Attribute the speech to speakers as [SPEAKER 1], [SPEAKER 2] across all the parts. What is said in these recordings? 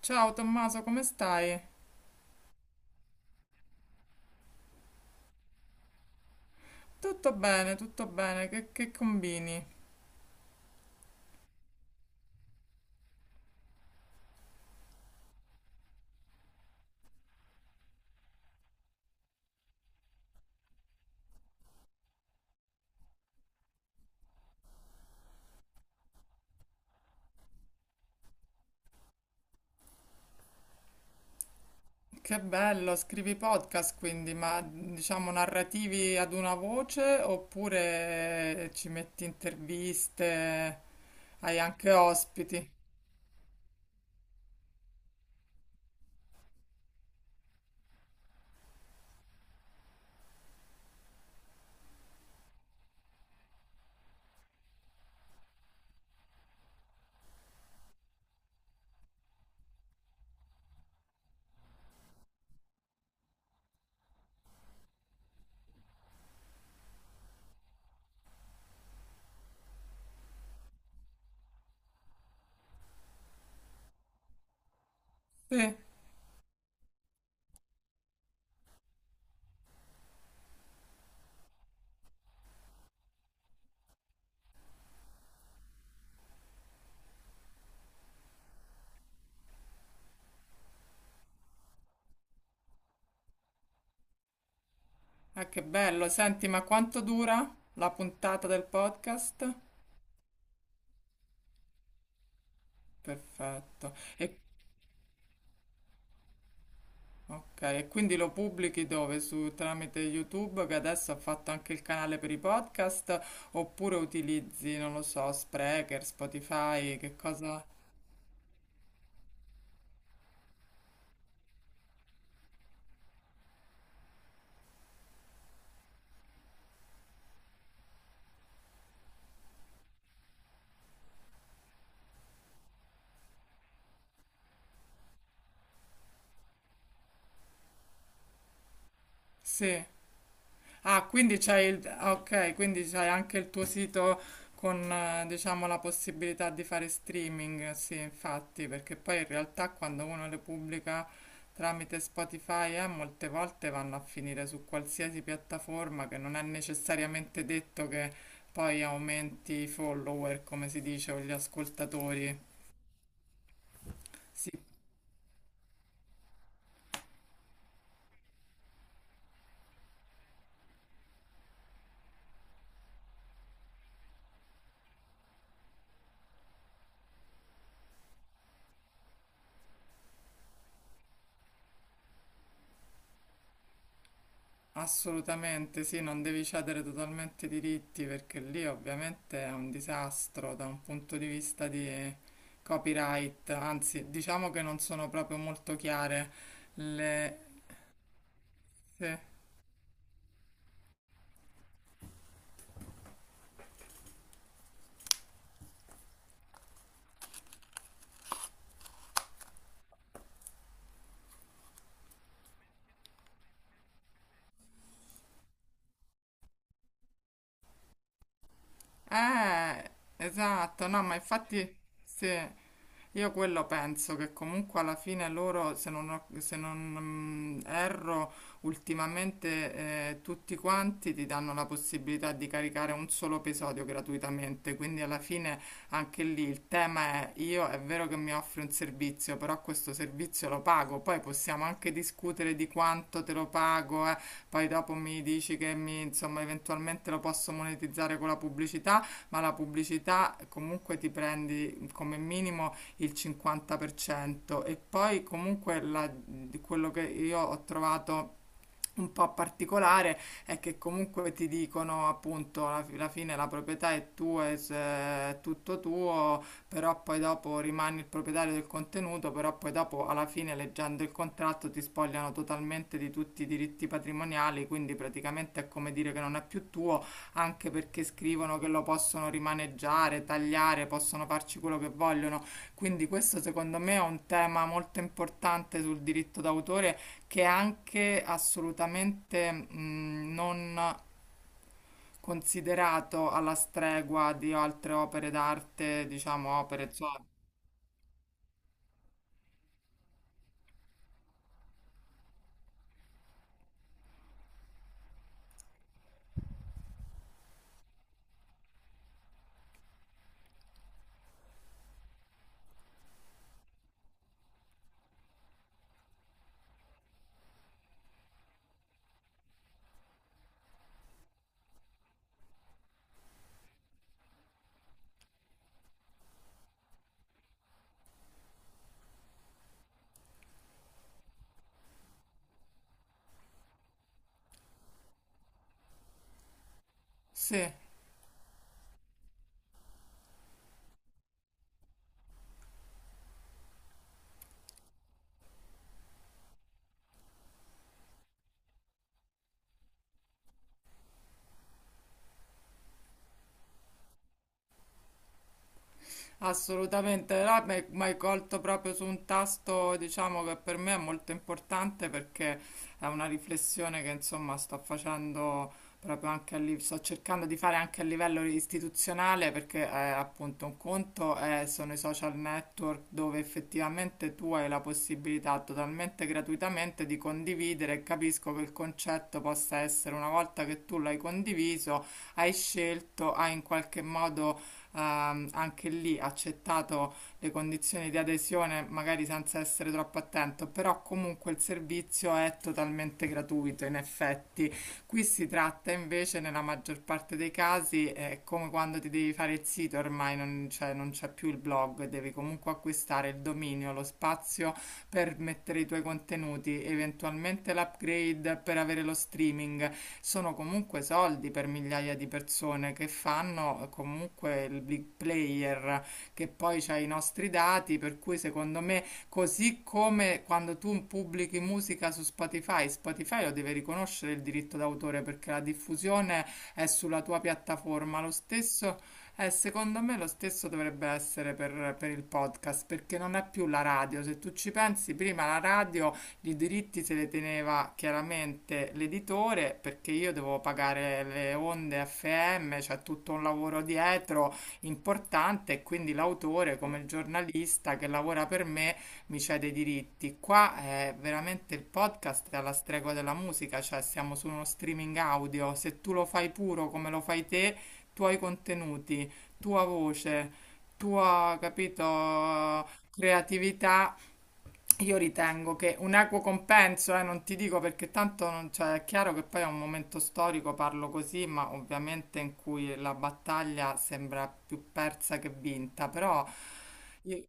[SPEAKER 1] Ciao Tommaso, come stai? Tutto bene, che combini? Che bello, scrivi podcast quindi, ma diciamo narrativi ad una voce oppure ci metti interviste, hai anche ospiti? Sì, ah, che bello, senti, ma quanto dura la puntata del podcast? Perfetto. E ok, e quindi lo pubblichi dove? Su, tramite YouTube, che adesso ha fatto anche il canale per i podcast, oppure utilizzi, non lo so, Spreaker, Spotify, che cosa? Sì. Ah, quindi c'hai il... ah, ok, quindi c'hai anche il tuo sito con, diciamo, la possibilità di fare streaming, sì, infatti, perché poi in realtà quando uno le pubblica tramite Spotify, molte volte vanno a finire su qualsiasi piattaforma che non è necessariamente detto che poi aumenti i follower, come si dice, o gli ascoltatori. Sì, assolutamente sì, non devi cedere totalmente i diritti perché lì ovviamente è un disastro da un punto di vista di copyright, anzi diciamo che non sono proprio molto chiare le... sì. Eh, esatto, no, ma infatti sì, io quello penso che comunque alla fine loro, se non erro, ultimamente tutti quanti ti danno la possibilità di caricare un solo episodio gratuitamente, quindi alla fine anche lì il tema è io è vero che mi offri un servizio, però questo servizio lo pago, poi possiamo anche discutere di quanto te lo pago, poi dopo mi dici che mi, insomma, eventualmente lo posso monetizzare con la pubblicità, ma la pubblicità comunque ti prendi come minimo il 50% e poi comunque la- quello che io ho trovato un po' particolare è che comunque ti dicono appunto alla fine la proprietà è tua, è tutto tuo, però poi dopo rimani il proprietario del contenuto, però poi dopo alla fine leggendo il contratto ti spogliano totalmente di tutti i diritti patrimoniali, quindi praticamente è come dire che non è più tuo, anche perché scrivono che lo possono rimaneggiare, tagliare, possono farci quello che vogliono. Quindi questo secondo me è un tema molto importante sul diritto d'autore che è anche assolutamente non considerato alla stregua di altre opere d'arte, diciamo opere, cioè, sì. Assolutamente, là mi hai colto proprio su un tasto, diciamo che per me è molto importante perché è una riflessione che insomma sto facendo proprio anche a livello, sto cercando di fare anche a livello istituzionale perché appunto sono i social network dove effettivamente tu hai la possibilità totalmente gratuitamente di condividere e capisco che il concetto possa essere una volta che tu l'hai condiviso, hai scelto, hai in qualche modo anche lì accettato le condizioni di adesione, magari senza essere troppo attento, però comunque il servizio è totalmente gratuito in effetti. Qui si tratta invece nella maggior parte dei casi, è come quando ti devi fare il sito, ormai non c'è più il blog, devi comunque acquistare il dominio, lo spazio per mettere i tuoi contenuti, eventualmente l'upgrade per avere lo streaming sono comunque soldi per migliaia di persone che fanno comunque il big player, che poi c'ha i nostri dati, per cui secondo me, così come quando tu pubblichi musica su Spotify, Spotify lo deve riconoscere il diritto d'autore perché la diffusione è sulla tua piattaforma, lo stesso... secondo me lo stesso dovrebbe essere per il podcast, perché non è più la radio. Se tu ci pensi, prima la radio i diritti se le teneva chiaramente l'editore perché io devo pagare le onde FM, c'è tutto un lavoro dietro importante e quindi l'autore come il giornalista che lavora per me mi cede i diritti. Qua è veramente il podcast è alla stregua della musica, cioè siamo su uno streaming audio, se tu lo fai puro come lo fai te, tuoi contenuti, tua voce, tua, capito, creatività, io ritengo che un equo compenso, non ti dico perché tanto non, cioè, è chiaro che poi è un momento storico, parlo così, ma ovviamente in cui la battaglia sembra più persa che vinta, però... io-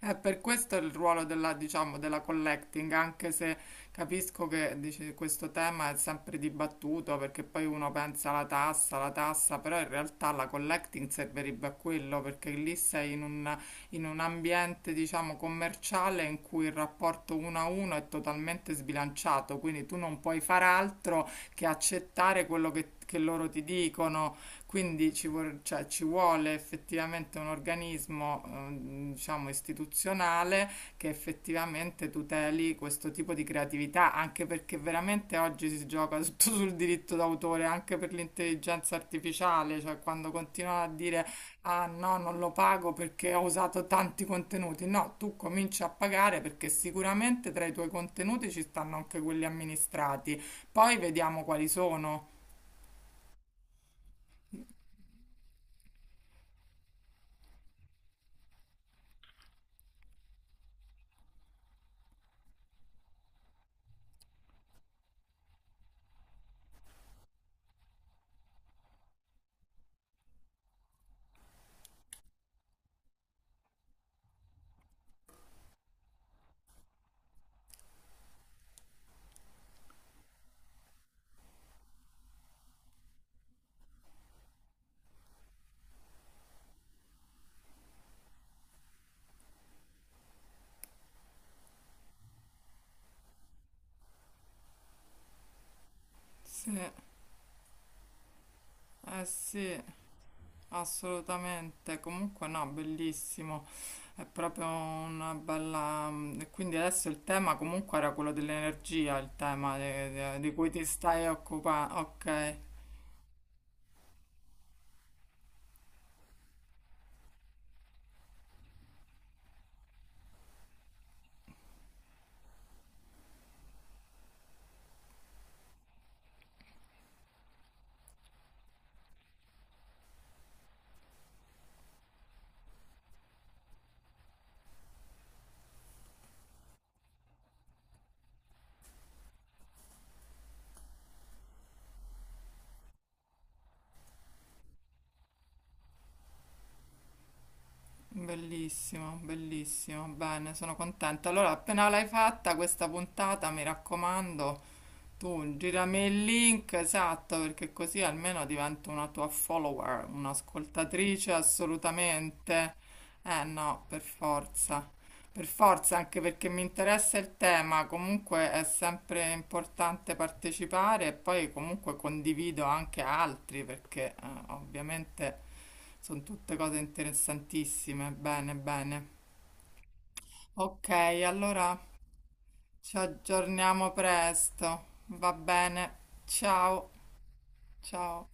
[SPEAKER 1] eh, per questo il ruolo della, diciamo, della collecting, anche se capisco che dice, questo tema è sempre dibattuto perché poi uno pensa alla tassa, però in realtà la collecting servirebbe a quello perché lì sei in un ambiente, diciamo, commerciale in cui il rapporto uno a uno è totalmente sbilanciato, quindi tu non puoi fare altro che accettare quello che loro ti dicono, ci vuole effettivamente un organismo, diciamo, istituzionale che effettivamente tuteli questo tipo di creatività, anche perché veramente oggi si gioca tutto sul diritto d'autore, anche per l'intelligenza artificiale, cioè quando continuano a dire ah no, non lo pago perché ho usato tanti contenuti. No, tu cominci a pagare perché sicuramente tra i tuoi contenuti ci stanno anche quelli amministrati. Poi vediamo quali sono. Sì, eh sì. Assolutamente, comunque no, bellissimo, è proprio una bella... Quindi adesso il tema comunque era quello dell'energia, il tema di cui ti stai occupando. Ok, bellissimo, bellissimo, bene, sono contenta. Allora, appena l'hai fatta questa puntata, mi raccomando, tu girami il link, esatto, perché così almeno divento una tua follower, un'ascoltatrice assolutamente. Eh no, per forza. Per forza, anche perché mi interessa il tema, comunque è sempre importante partecipare e poi comunque condivido anche altri perché ovviamente sono tutte cose interessantissime. Bene, bene. Ok, allora ci aggiorniamo presto. Va bene. Ciao. Ciao.